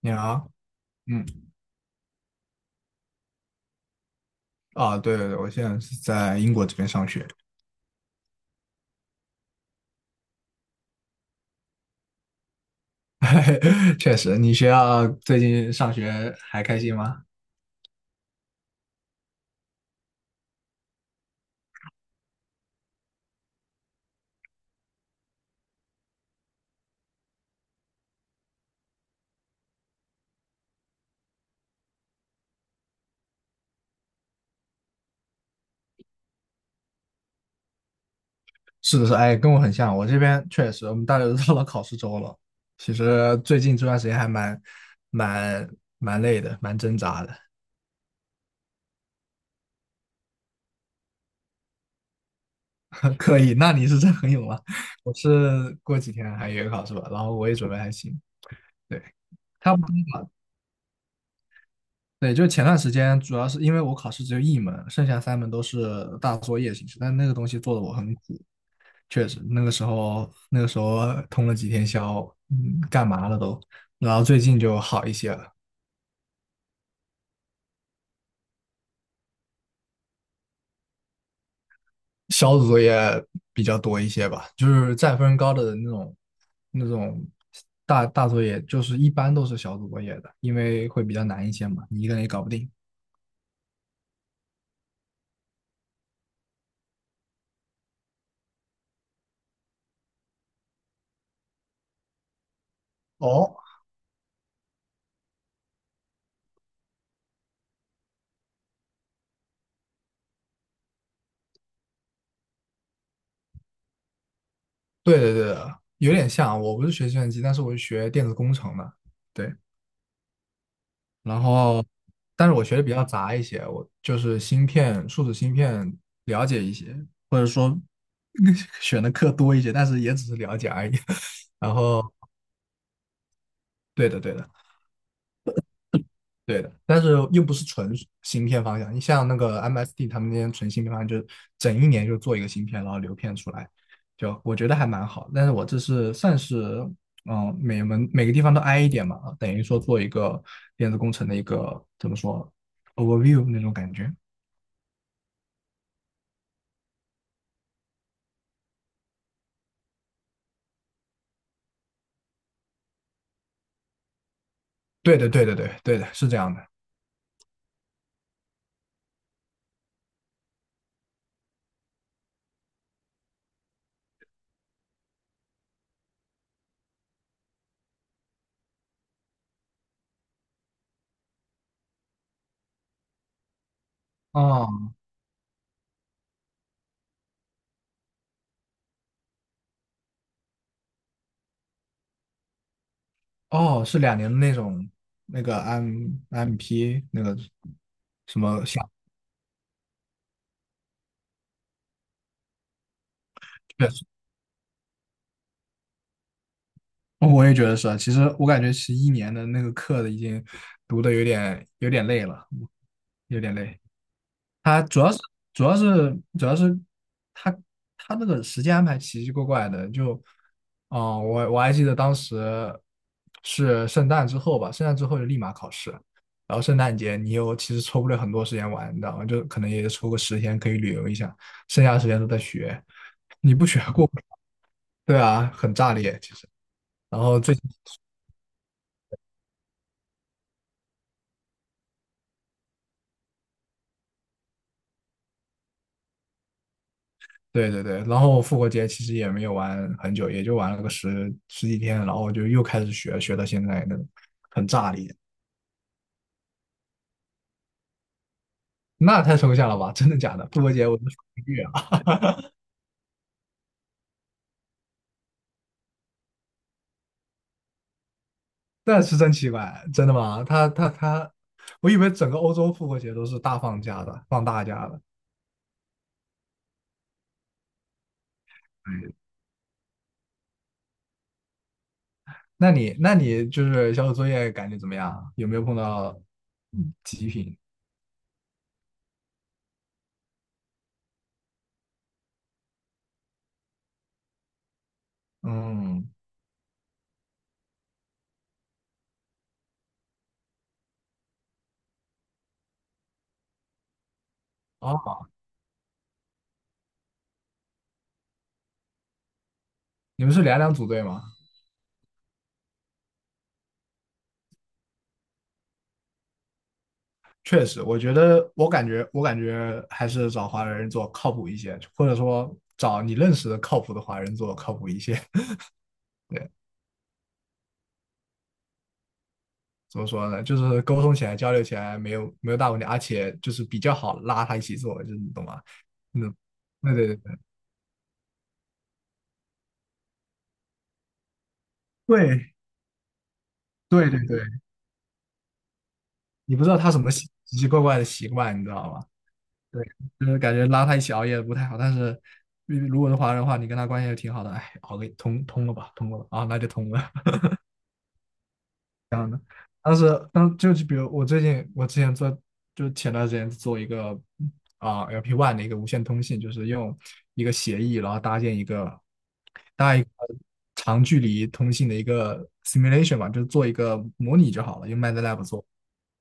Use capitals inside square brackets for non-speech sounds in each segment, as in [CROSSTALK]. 你好，嗯，啊，对对对，我现在是在英国这边上学，[LAUGHS] 确实，你学校最近上学还开心吗？是的是，哎，跟我很像，我这边确实，我们大家都到了考试周了，其实最近这段时间还蛮蛮累的，蛮挣扎的。[LAUGHS] 可以，那你是真很勇啊，我是过几天还有一个考试吧，然后我也准备还行，对，差不多吧，对，就是前段时间，主要是因为我考试只有一门，剩下三门都是大作业形式，但那个东西做的我很苦，确实，那个时候通了几天宵，干嘛了都，然后最近就好一些了，小组作业比较多一些吧，就是占分高的那种大作业，就是一般都是小组作业的，因为会比较难一些嘛，你一个人也搞不定。哦，对对对的，有点像，我不是学计算机，但是我是学电子工程的，对。然后，但是我学的比较杂一些，我就是芯片、数字芯片了解一些，或者说 [LAUGHS] 选的课多一些，但是也只是了解而已。[LAUGHS] 然后，对的，对的，对的，但是又不是纯芯片方向。你像那个 MSD 他们那些纯芯片方向，就是整一年就做一个芯片，然后流片出来，就我觉得还蛮好。但是我这是算是每门每个地方都挨一点嘛，啊等于说做一个电子工程的一个怎么说 overview 那种感觉。对的，对的，对，对的，是这样的。哦，哦，是2年的那种那个 MP 那个什么项，对，我也觉得是啊。其实我感觉其实一年的那个课已经读的有点累了，有点累。他主要是他他那个时间安排奇奇怪怪的，就嗯，我还记得当时是圣诞之后吧，圣诞之后就立马考试，然后圣诞节你又其实抽不了很多时间玩，你知道吗？就可能也就抽个10天可以旅游一下，剩下的时间都在学，你不学过不了，[LAUGHS] 对啊，很炸裂其实。然后最对对对，然后复活节其实也没有玩很久，也就玩了个十几天，然后就又开始学，学到现在那种很炸裂。那太抽象了吧？[LAUGHS] 真的假的？复活节我是个月啊，那是真奇怪，真的吗？他他他，我以为整个欧洲复活节都是大放假的，放大假的。对，那你就是小组作业感觉怎么样啊？有没有碰到极品？嗯，哦，你们是两两组队吗？确实，我觉得我感觉还是找华人做靠谱一些，或者说找你认识的靠谱的华人做靠谱一些。[LAUGHS] 对。怎么说呢？就是沟通起来、交流起来没有大问题，而且就是比较好拉他一起做，就是你懂吗？嗯，对对对对对对对，你不知道他什么奇奇怪怪的习惯，你知道吗？对，就是感觉拉他一起熬夜不太好，但是如果是华人的话，你跟他关系也挺好的，哎，熬个通通了吧，通过了啊，那就通了。当时，当就就比如我最近，我之前做，就前段时间做一个LP One 的一个无线通信，就是用一个协议，然后搭一个长距离通信的一个 simulation 嘛，就做一个模拟就好了，用 MATLAB 做。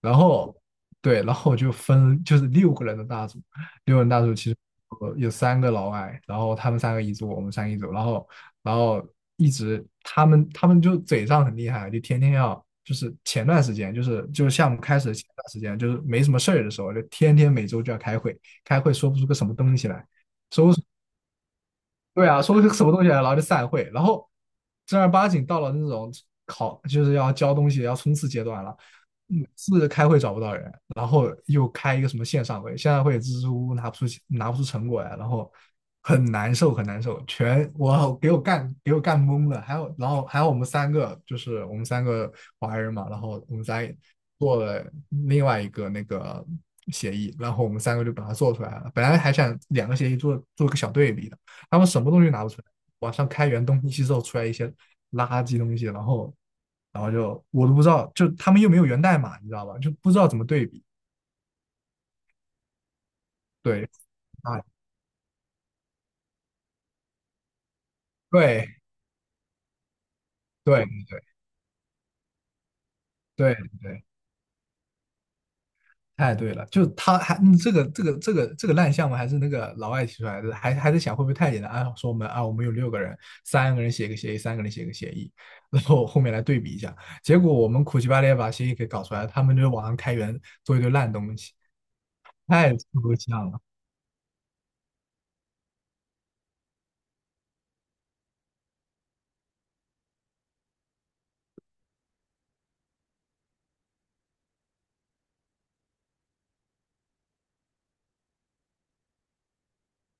然后对，然后我就是六个人的大组，6人大组其实有3个老外，然后他们三个一组，我们三个一组，然后然后一直他们就嘴上很厉害，就天天要就是前段时间就是项目开始的前段时间就是没什么事儿的时候，就天天每周就要开会，开会说不出个什么东西来，对啊，说是什么东西来，然后就散会，然后正儿八经到了那种就是要交东西、要冲刺阶段了，每次开会找不到人，然后又开一个什么线上会，线上会支支吾吾拿不出成果来，然后很难受，很难受，全我给我干懵了，还有我们三个华人嘛，然后我们仨也做了另外一个那个协议，然后我们三个就把它做出来了，本来还想两个协议做做个小对比。的。他们什么东西拿不出来，网上开源东西之后出来一些垃圾东西，然后然后就我都不知道，就他们又没有源代码，你知道吧？就不知道怎么对比。对啊，对对对对对，太对了，就他还这个烂项目还是那个老外提出来的，还在想会不会太简单啊？说我们啊，我们有六个人，三个人写个协议，三个人写个协议，然后后面来对比一下，结果我们苦其巴力把协议给搞出来，他们就网上开源做一堆烂东西，太抽象了。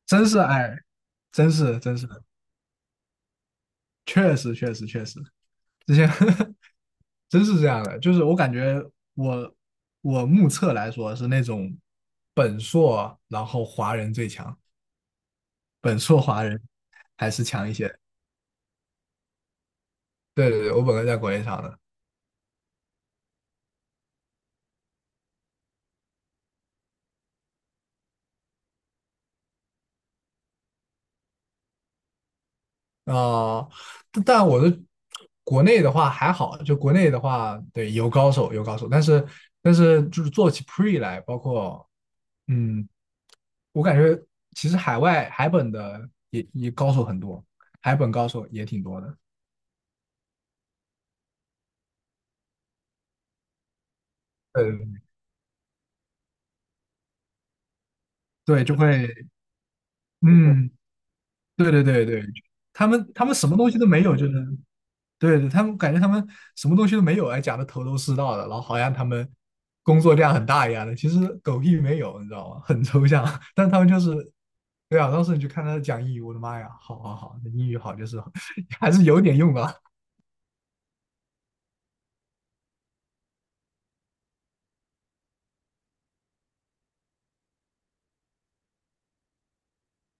真是哎，真是真是，确实确实确实，之前 [LAUGHS] 真是这样的，就是我感觉我我目测来说是那种本硕，然后华人最强，本硕华人还是强一些。对对对，我本科在国内上的，啊，但我的国内的话还好，就国内的话，对，有高手有高手，但是就是做起 pre 来，包括。嗯，我感觉其实海外海本的也高手很多，海本高手也挺多的。对对，就会嗯，对对对对，他们什么东西都没有，就是对对，他们感觉他们什么东西都没有，还讲的头头是道的，然后好像他们工作量很大一样的，其实狗屁没有，你知道吗？很抽象，[LAUGHS] 但他们就是。对啊，当时你去看他讲英语，我的妈呀，好好好，那英语好就是 [LAUGHS] 还是有点用的。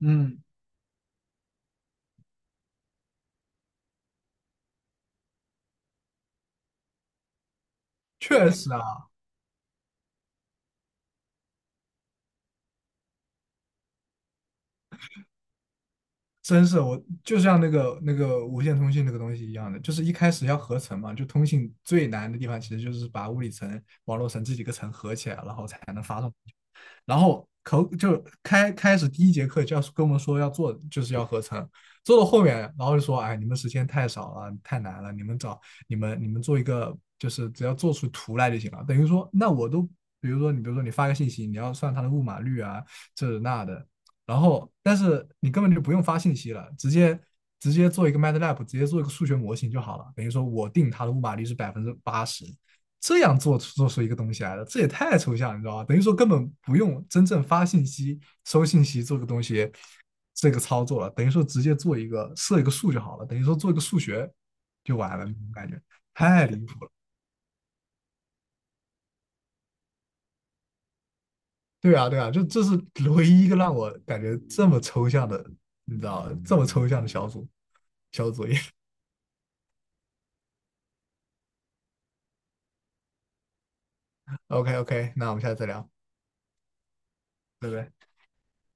嗯，确实啊，真是我就像那个无线通信那个东西一样的，就是一开始要合成嘛，就通信最难的地方其实就是把物理层、网络层这几个层合起来，然后才能发送然后口就开开始第一节课就要跟我们说要做，就是要合成。做到后面，然后就说，哎，你们时间太少了，太难了，你们找你们你们做一个，就是只要做出图来就行了。等于说，那我都，比如说你发个信息，你要算它的误码率啊，这那的。然后，但是你根本就不用发信息了，直接做一个 MATLAB，直接做一个数学模型就好了。等于说我定它的误码率是80%，这样做出一个东西来的，这也太抽象，你知道吧？等于说根本不用真正发信息、收信息做个东西，这个操作了，等于说直接做一个设一个数就好了，等于说做一个数学就完了，那种感觉太离谱了。对啊，对啊，就这是唯一一个让我感觉这么抽象的，你知道，这么抽象的小组作业。[LAUGHS] OK OK，那我们下次再聊，拜拜。